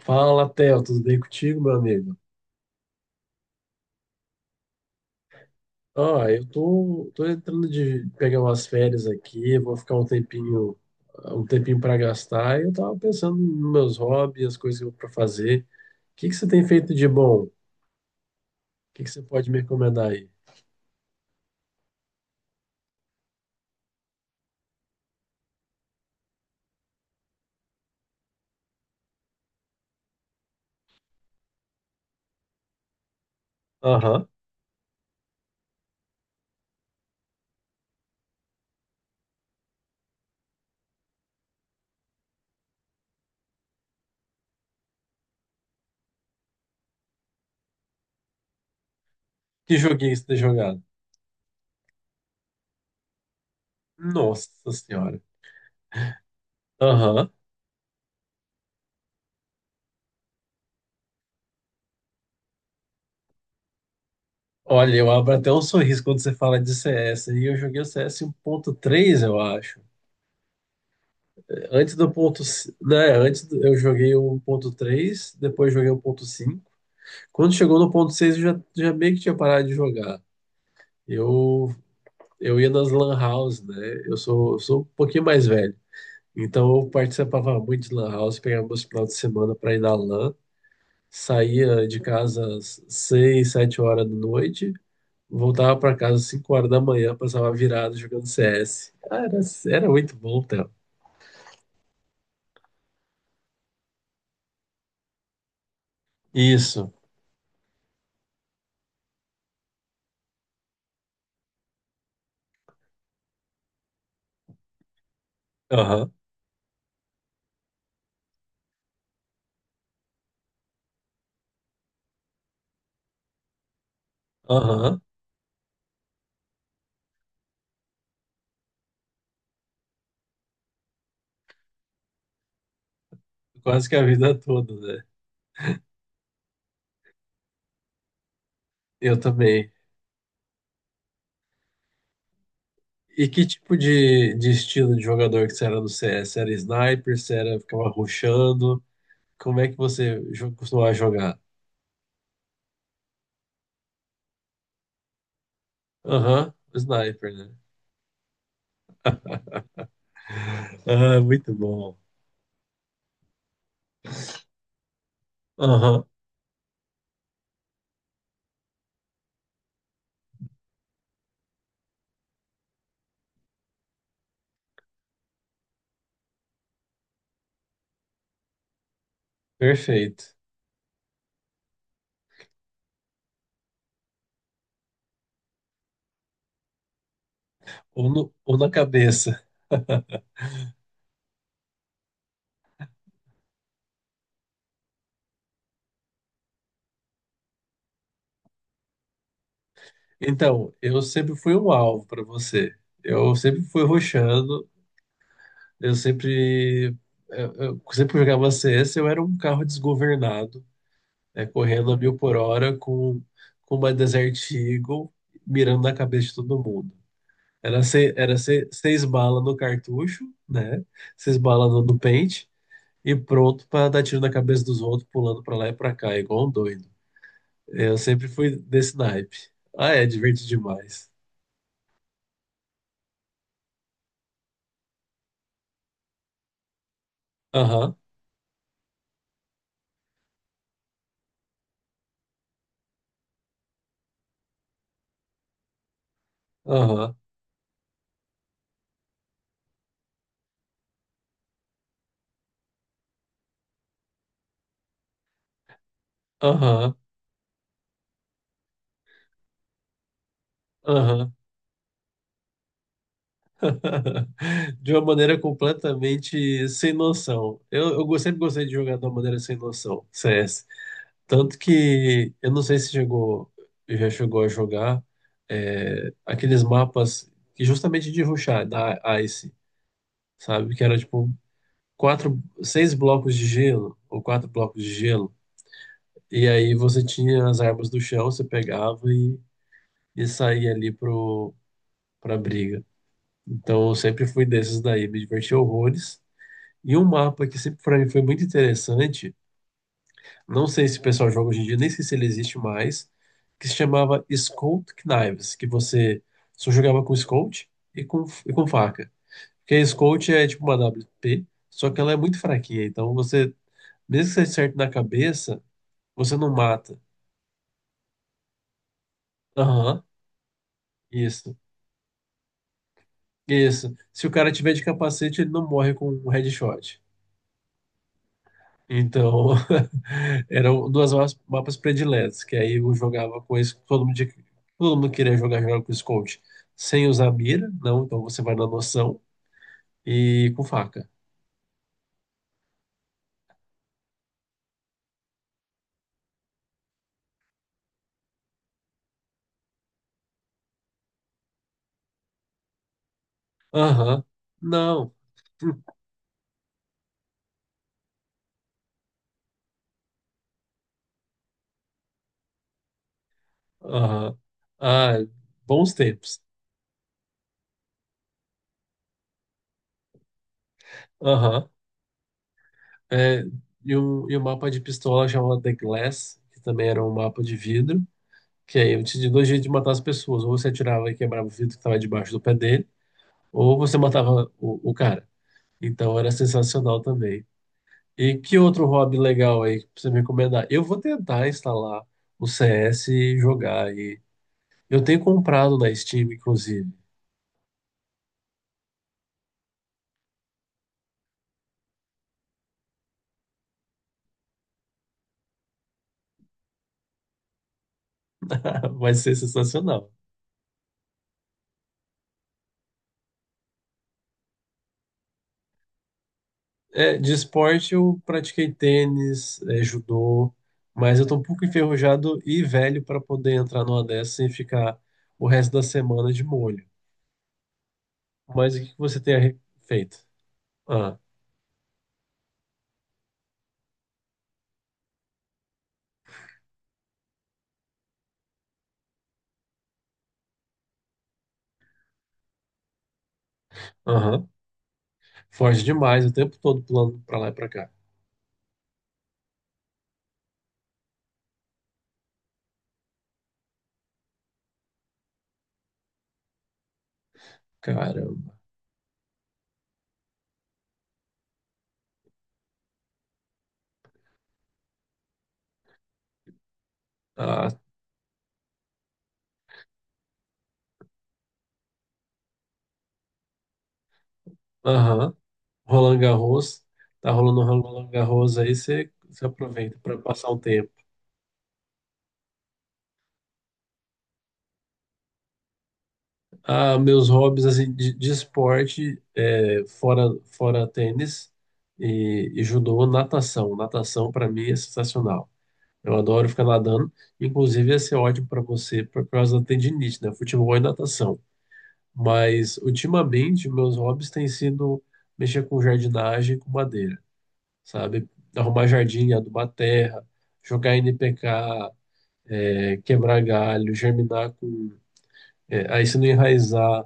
Fala, Theo, tudo bem contigo, meu amigo? Ó, eu tô entrando de pegar umas férias aqui, vou ficar um tempinho para gastar, e eu tava pensando nos meus hobbies, as coisas que eu para fazer. O que que você tem feito de bom? O que que você pode me recomendar aí? Aham. Que joguinho você tem jogado? Nossa Senhora. Aham. Olha, eu abro até um sorriso quando você fala de CS, e eu joguei o CS três eu acho. Antes do ponto, né, eu joguei o ponto três, depois joguei o ponto cinco. Quando chegou no ponto 6 eu já meio que tinha parado de jogar. Eu, eu ia nas lan house, né? Eu sou um pouquinho mais velho. Então eu participava muito de lan house, pegava meus finais de semana para ir na lan, saía de casa às 6, 7 horas da noite, voltava para casa às 5 horas da manhã, passava virado jogando CS. Cara, era muito bom, Theo. Isso. Aham. Aham. Quase que a vida toda, né? Eu também. E que tipo de estilo de jogador que você era no CS? Era sniper? Você era, ficava rushando? Como é que você costumava jogar? Aham, sniper, né? Ah, muito bom. Aham, perfeito. Ou, no, ou na cabeça. Então, eu sempre fui um alvo para você. Eu sempre fui rushando, eu sempre. Eu sempre jogava CS, eu era um carro desgovernado, né, correndo a mil por hora com uma Desert Eagle mirando na cabeça de todo mundo. Era se, seis balas no cartucho, né? Seis balas no pente, e pronto para dar tiro na cabeça dos outros, pulando para lá e para cá, igual um doido. Eu sempre fui desse naipe. Ah, é, divertido demais. Aham, aham, aham, aham. De uma maneira completamente sem noção. Eu sempre gostei de jogar de uma maneira sem noção, CS. Tanto que eu não sei se chegou, já chegou a jogar aqueles mapas que justamente de rushar da Ice, sabe? Que era tipo quatro, seis blocos de gelo ou quatro blocos de gelo. E aí você tinha as armas do chão, você pegava e saía ali pra briga. Então eu sempre fui desses daí, me diverti horrores. E um mapa que sempre pra mim foi muito interessante. Não sei se o pessoal joga hoje em dia, nem sei se ele existe mais, que se chamava Scout Knives, que você só jogava com Scout e com faca. Porque a Scout é tipo uma WP, só que ela é muito fraquinha, então você, mesmo que você acerte na cabeça, você não mata. Aham, isso, isso. Se o cara tiver de capacete, ele não morre com um headshot. Então, eram duas mapas prediletas, que aí eu jogava com esse, todo mundo, todo mundo queria jogar, jogava com Scout, sem usar mira, não, então você vai na noção, e com faca. Aham, não, hum, aham, ah, bons tempos. Aham, é, e um, mapa de pistola chamado The Glass, que também era um mapa de vidro, que aí eu tinha dois jeitos de matar as pessoas, ou você atirava e quebrava o vidro que estava debaixo do pé dele, ou você matava o cara. Então era sensacional também. E que outro hobby legal aí pra você me recomendar? Eu vou tentar instalar o CS e jogar. E eu tenho comprado na Steam, inclusive. Vai ser sensacional. É, de esporte eu pratiquei tênis, judô, mas eu tô um pouco enferrujado e velho para poder entrar numa dessas sem ficar o resto da semana de molho. Mas o que que você tem feito? Ah, aham. Forte demais, o tempo todo pulando para lá e para cá. Caramba. Ah, aham. Roland Garros. Tá rolando um Roland Garros aí, você aproveita para passar um tempo. Ah, meus hobbies assim, de esporte, fora tênis e judô, natação. Natação para mim é sensacional. Eu adoro ficar nadando. Inclusive, ia ser ótimo para você por causa da tendinite, né? Futebol e natação. Mas, ultimamente, meus hobbies têm sido mexer com jardinagem e com madeira, sabe? Arrumar jardim, adubar terra, jogar NPK, quebrar galho, germinar com. Aí, se não enraizar,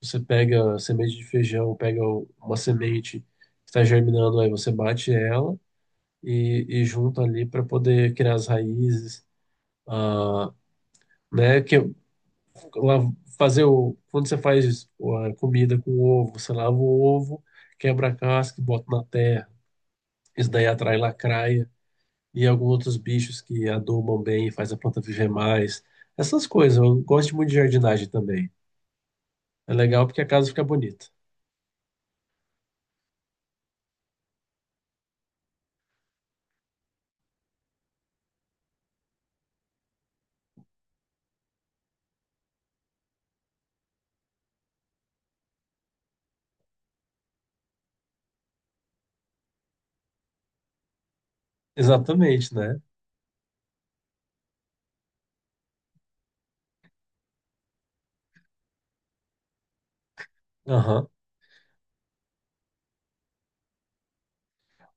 você pega a semente de feijão, pega uma semente que está germinando, aí você bate ela e junta ali para poder criar as raízes, ah, né? Que lá, fazer o quando você faz a comida com ovo, você lava o ovo, quebra a casca e bota na terra. Isso daí atrai lacraia e alguns outros bichos que adubam bem e faz a planta viver mais. Essas coisas. Eu gosto muito de jardinagem também. É legal porque a casa fica bonita. Exatamente, né? Aham.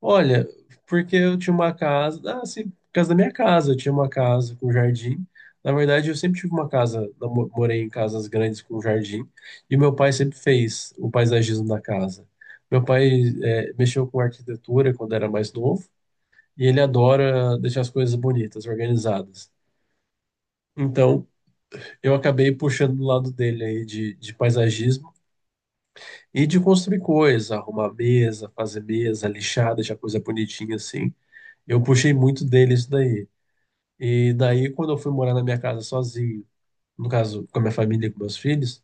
Olha, porque eu tinha uma casa. Ah, sim, por causa da minha casa. Eu tinha uma casa com jardim. Na verdade, eu sempre tive uma casa. Morei em casas grandes com jardim. E meu pai sempre fez o paisagismo da casa. Meu pai mexeu com arquitetura quando era mais novo. E ele adora deixar as coisas bonitas, organizadas. Então, eu acabei puxando do lado dele aí de paisagismo e de construir coisa, arrumar mesa, fazer mesa, lixar, deixar coisa bonitinha assim. Eu puxei muito dele isso daí. E daí, quando eu fui morar na minha casa sozinho, no caso, com a minha família e com meus filhos,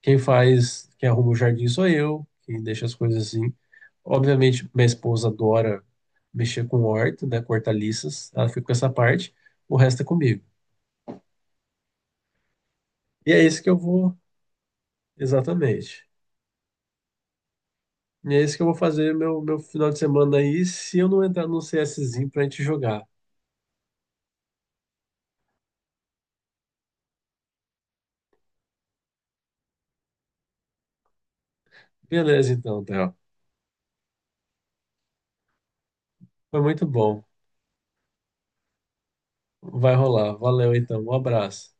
quem faz, quem arruma o jardim sou eu, quem deixa as coisas assim. Obviamente, minha esposa adora mexer com horta, né, com hortaliças, ela fica com essa parte, o resto é comigo. E é isso que eu vou, exatamente. E é isso que eu vou fazer meu final de semana aí, se eu não entrar num CSzinho pra gente jogar. Beleza, então, Theo. Foi muito bom. Vai rolar. Valeu, então. Um abraço.